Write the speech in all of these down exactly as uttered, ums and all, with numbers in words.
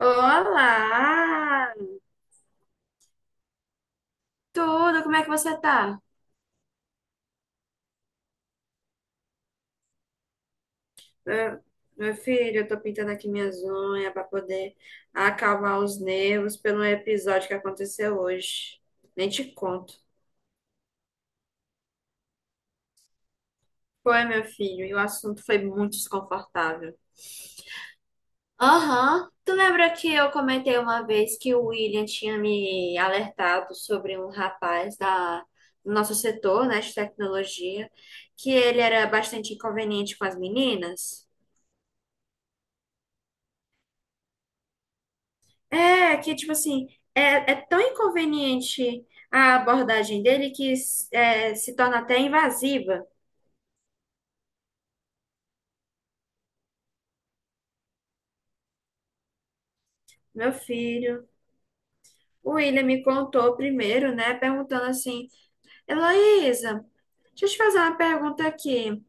Olá! Tudo, como é que você tá? Eu- Meu filho, eu tô pintando aqui minhas unhas pra poder acalmar os nervos pelo episódio que aconteceu hoje. Nem te conto. Foi, meu filho, e o assunto foi muito desconfortável. Aham. Tu lembra que eu comentei uma vez que o William tinha me alertado sobre um rapaz da, do nosso setor, né, de tecnologia, que ele era bastante inconveniente com as meninas? É, que tipo assim, é, é tão inconveniente a abordagem dele que é, se torna até invasiva. Meu filho, o William me contou primeiro, né? Perguntando assim: Heloísa, deixa eu te fazer uma pergunta aqui.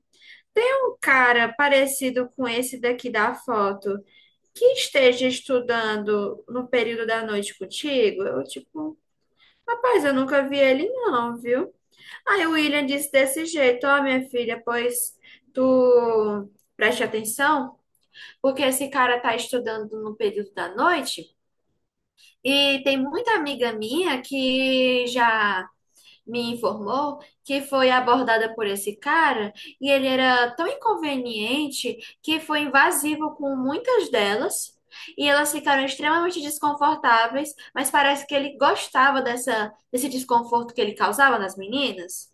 Tem um cara parecido com esse daqui da foto que esteja estudando no período da noite contigo? Eu, tipo, rapaz, eu nunca vi ele, não, viu? Aí o William disse desse jeito, ó, minha filha, pois tu preste atenção, porque esse cara tá estudando no período da noite e tem muita amiga minha que já me informou que foi abordada por esse cara e ele era tão inconveniente que foi invasivo com muitas delas. E elas ficaram extremamente desconfortáveis, mas parece que ele gostava dessa, desse desconforto que ele causava nas meninas.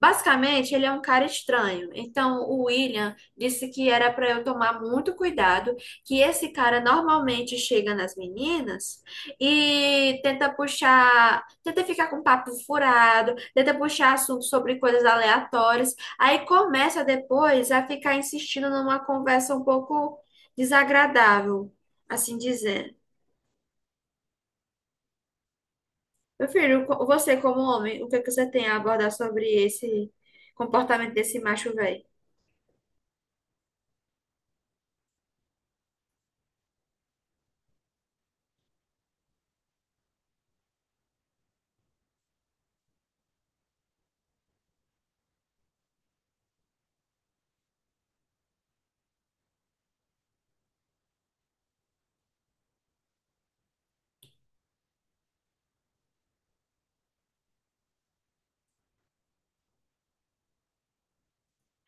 Basicamente, ele é um cara estranho. Então, o William disse que era para eu tomar muito cuidado, que esse cara normalmente chega nas meninas e tenta puxar, tenta ficar com papo furado, tenta puxar assunto sobre coisas aleatórias. Aí começa depois a ficar insistindo numa conversa um pouco desagradável, assim dizer. Meu filho, co- você como homem, o que é que você tem a abordar sobre esse comportamento desse macho velho?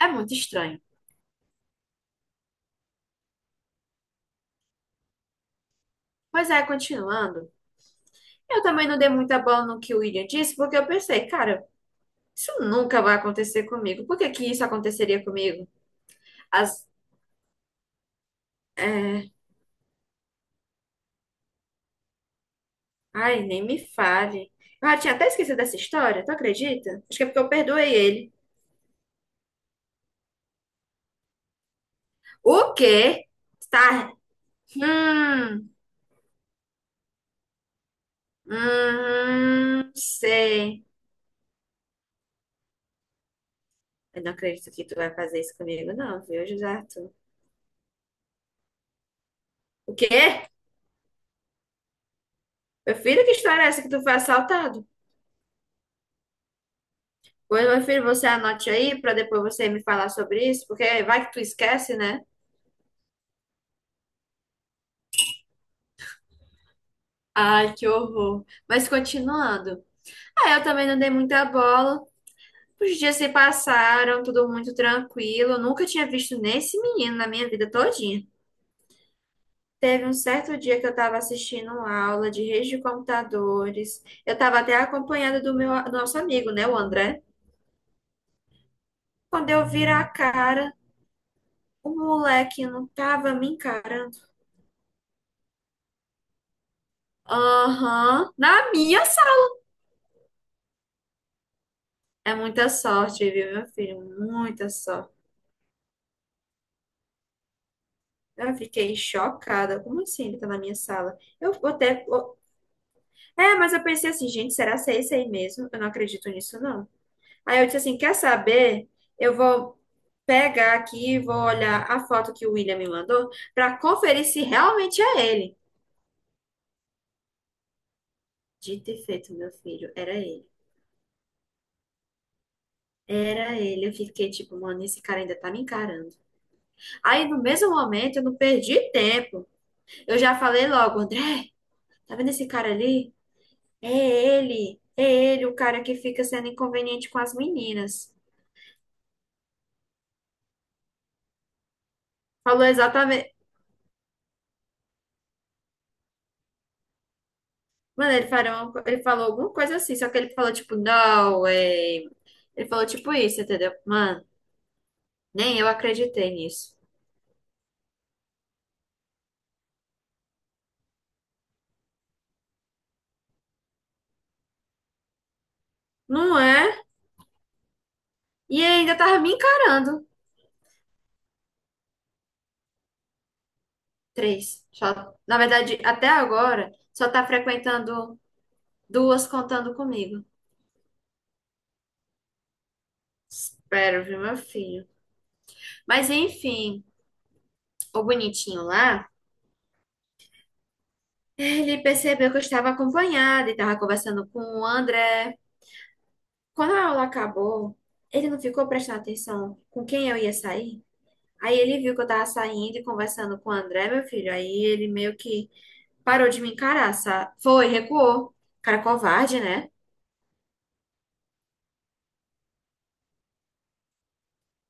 É muito estranho. Pois é, continuando. Eu também não dei muita bola no que o William disse, porque eu pensei, cara, isso nunca vai acontecer comigo. Por que que isso aconteceria comigo? As, é... Ai, nem me fale. Eu já tinha até esquecido dessa história, tu acredita? Acho que é porque eu perdoei ele. O quê? Tá. Hum, hum, sei. Eu não acredito que tu vai fazer isso comigo, não, viu, José Arthur? O quê? Meu filho, que história é essa que tu foi assaltado? Pois, meu filho, você anote aí para depois você me falar sobre isso, porque vai que tu esquece, né? Ai, que horror. Mas continuando. Ah, eu também não dei muita bola. Os dias se passaram, tudo muito tranquilo. Eu nunca tinha visto nesse menino na minha vida todinha. Teve um certo dia que eu estava assistindo uma aula de rede de computadores. Eu estava até acompanhada do meu do nosso amigo, né, o André. Quando eu viro a cara, o moleque não tava me encarando. Aham, na minha. É muita sorte, viu, meu filho? Muita sorte. Eu fiquei chocada. Como assim ele tá na minha sala? Eu até. eu- É, mas eu pensei assim, gente, será que é esse aí mesmo? Eu não acredito nisso, não. Aí eu disse assim: quer saber? Eu vou pegar aqui e vou olhar a foto que o William me mandou pra conferir se realmente é ele. Dito e feito, meu filho, era ele. Era ele. Eu fiquei tipo, mano, esse cara ainda tá me encarando. Aí no mesmo momento eu não perdi tempo. Eu já falei logo, André. Tá vendo esse cara ali? É ele. É ele, o cara que fica sendo inconveniente com as meninas. Falou exatamente. Mano, ele falou, ele falou alguma coisa assim, só que ele falou tipo, não, é. Ele falou tipo isso, entendeu? Mano, nem eu acreditei nisso. Não é? E ainda tava me encarando. Três. Só, na verdade, até agora, só tá frequentando duas contando comigo. Espero, viu, meu filho? Mas enfim, o bonitinho lá. Ele percebeu que eu estava acompanhada e estava conversando com o André. Quando a aula acabou, ele não ficou prestando atenção com quem eu ia sair. Aí ele viu que eu estava saindo e conversando com o André, meu filho. Aí ele meio que parou de me encarar, sabe? Foi, recuou. Cara covarde, né?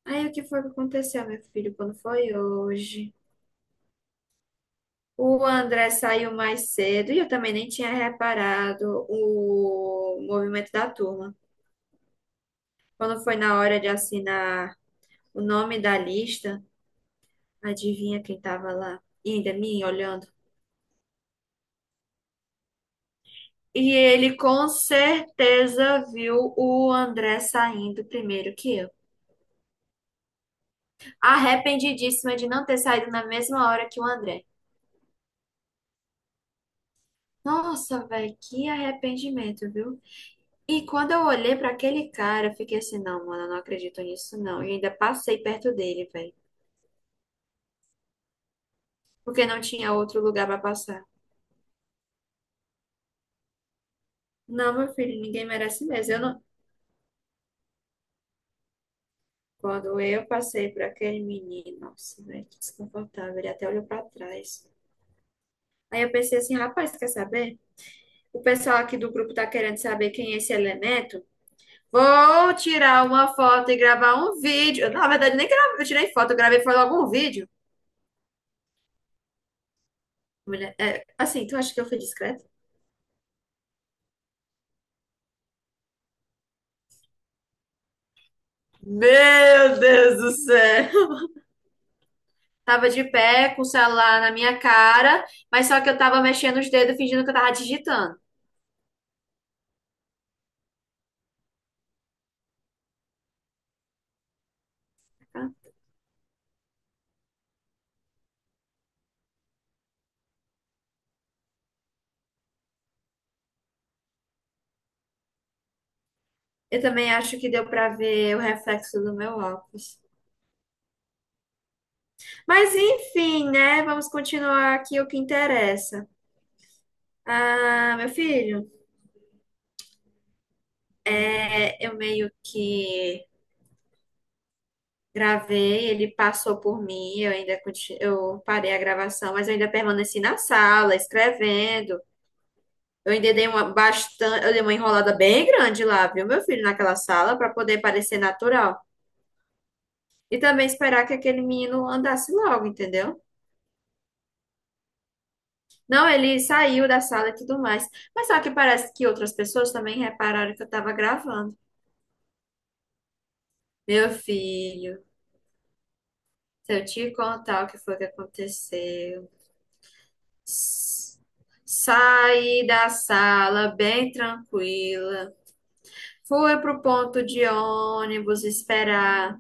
Aí o que foi que aconteceu, meu filho, quando foi hoje? O André saiu mais cedo e eu também nem tinha reparado o movimento da turma. Quando foi na hora de assinar o nome da lista, adivinha quem tava lá? E ainda me olhando. E ele com certeza viu o André saindo primeiro que eu. Arrependidíssima de não ter saído na mesma hora que o André. Nossa, velho, que arrependimento, viu? E quando eu olhei pra aquele cara, eu fiquei assim, não, mano, eu não acredito nisso, não. E ainda passei perto dele, velho, porque não tinha outro lugar pra passar. Não, meu filho, ninguém merece mesmo. Eu não... Quando eu passei por aquele menino, nossa, velho, que desconfortável. Ele até olhou pra trás. Aí eu pensei assim, rapaz, quer saber? O pessoal aqui do grupo tá querendo saber quem é esse elemento. Vou tirar uma foto e gravar um vídeo. Na verdade, nem gravei, eu tirei foto, eu gravei foi logo um vídeo. Mulher, é, assim, tu acha que eu fui discreta? Meu Deus do céu! Tava de pé, com o celular na minha cara, mas só que eu tava mexendo os dedos, fingindo que eu tava digitando. Tá? Eu também acho que deu pra ver o reflexo do meu óculos. Mas enfim, né? Vamos continuar aqui o que interessa. Ah, meu filho, é, eu meio que gravei, ele passou por mim, eu ainda conti- eu parei a gravação, mas eu ainda permaneci na sala, escrevendo. Eu ainda dei uma bastante, eu dei uma enrolada bem grande lá, viu, meu filho, naquela sala, para poder parecer natural. E também esperar que aquele menino andasse logo, entendeu? Não, ele saiu da sala e tudo mais. Mas só que parece que outras pessoas também repararam que eu tava gravando. Meu filho, se eu te contar o que foi que aconteceu. Saí da sala bem tranquila. Fui pro ponto de ônibus esperar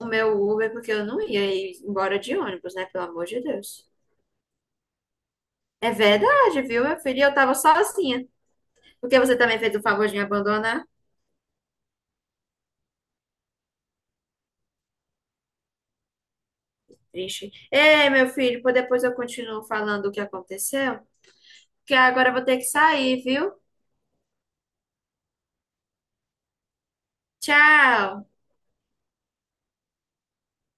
o meu Uber, porque eu não ia ir embora de ônibus, né? Pelo amor de Deus. É verdade, viu, meu filho? E eu tava sozinha. Porque você também fez o favor de me abandonar? Triste. Ei, meu filho, pô, depois eu continuo falando o que aconteceu, que agora eu vou ter que sair, viu? Tchau!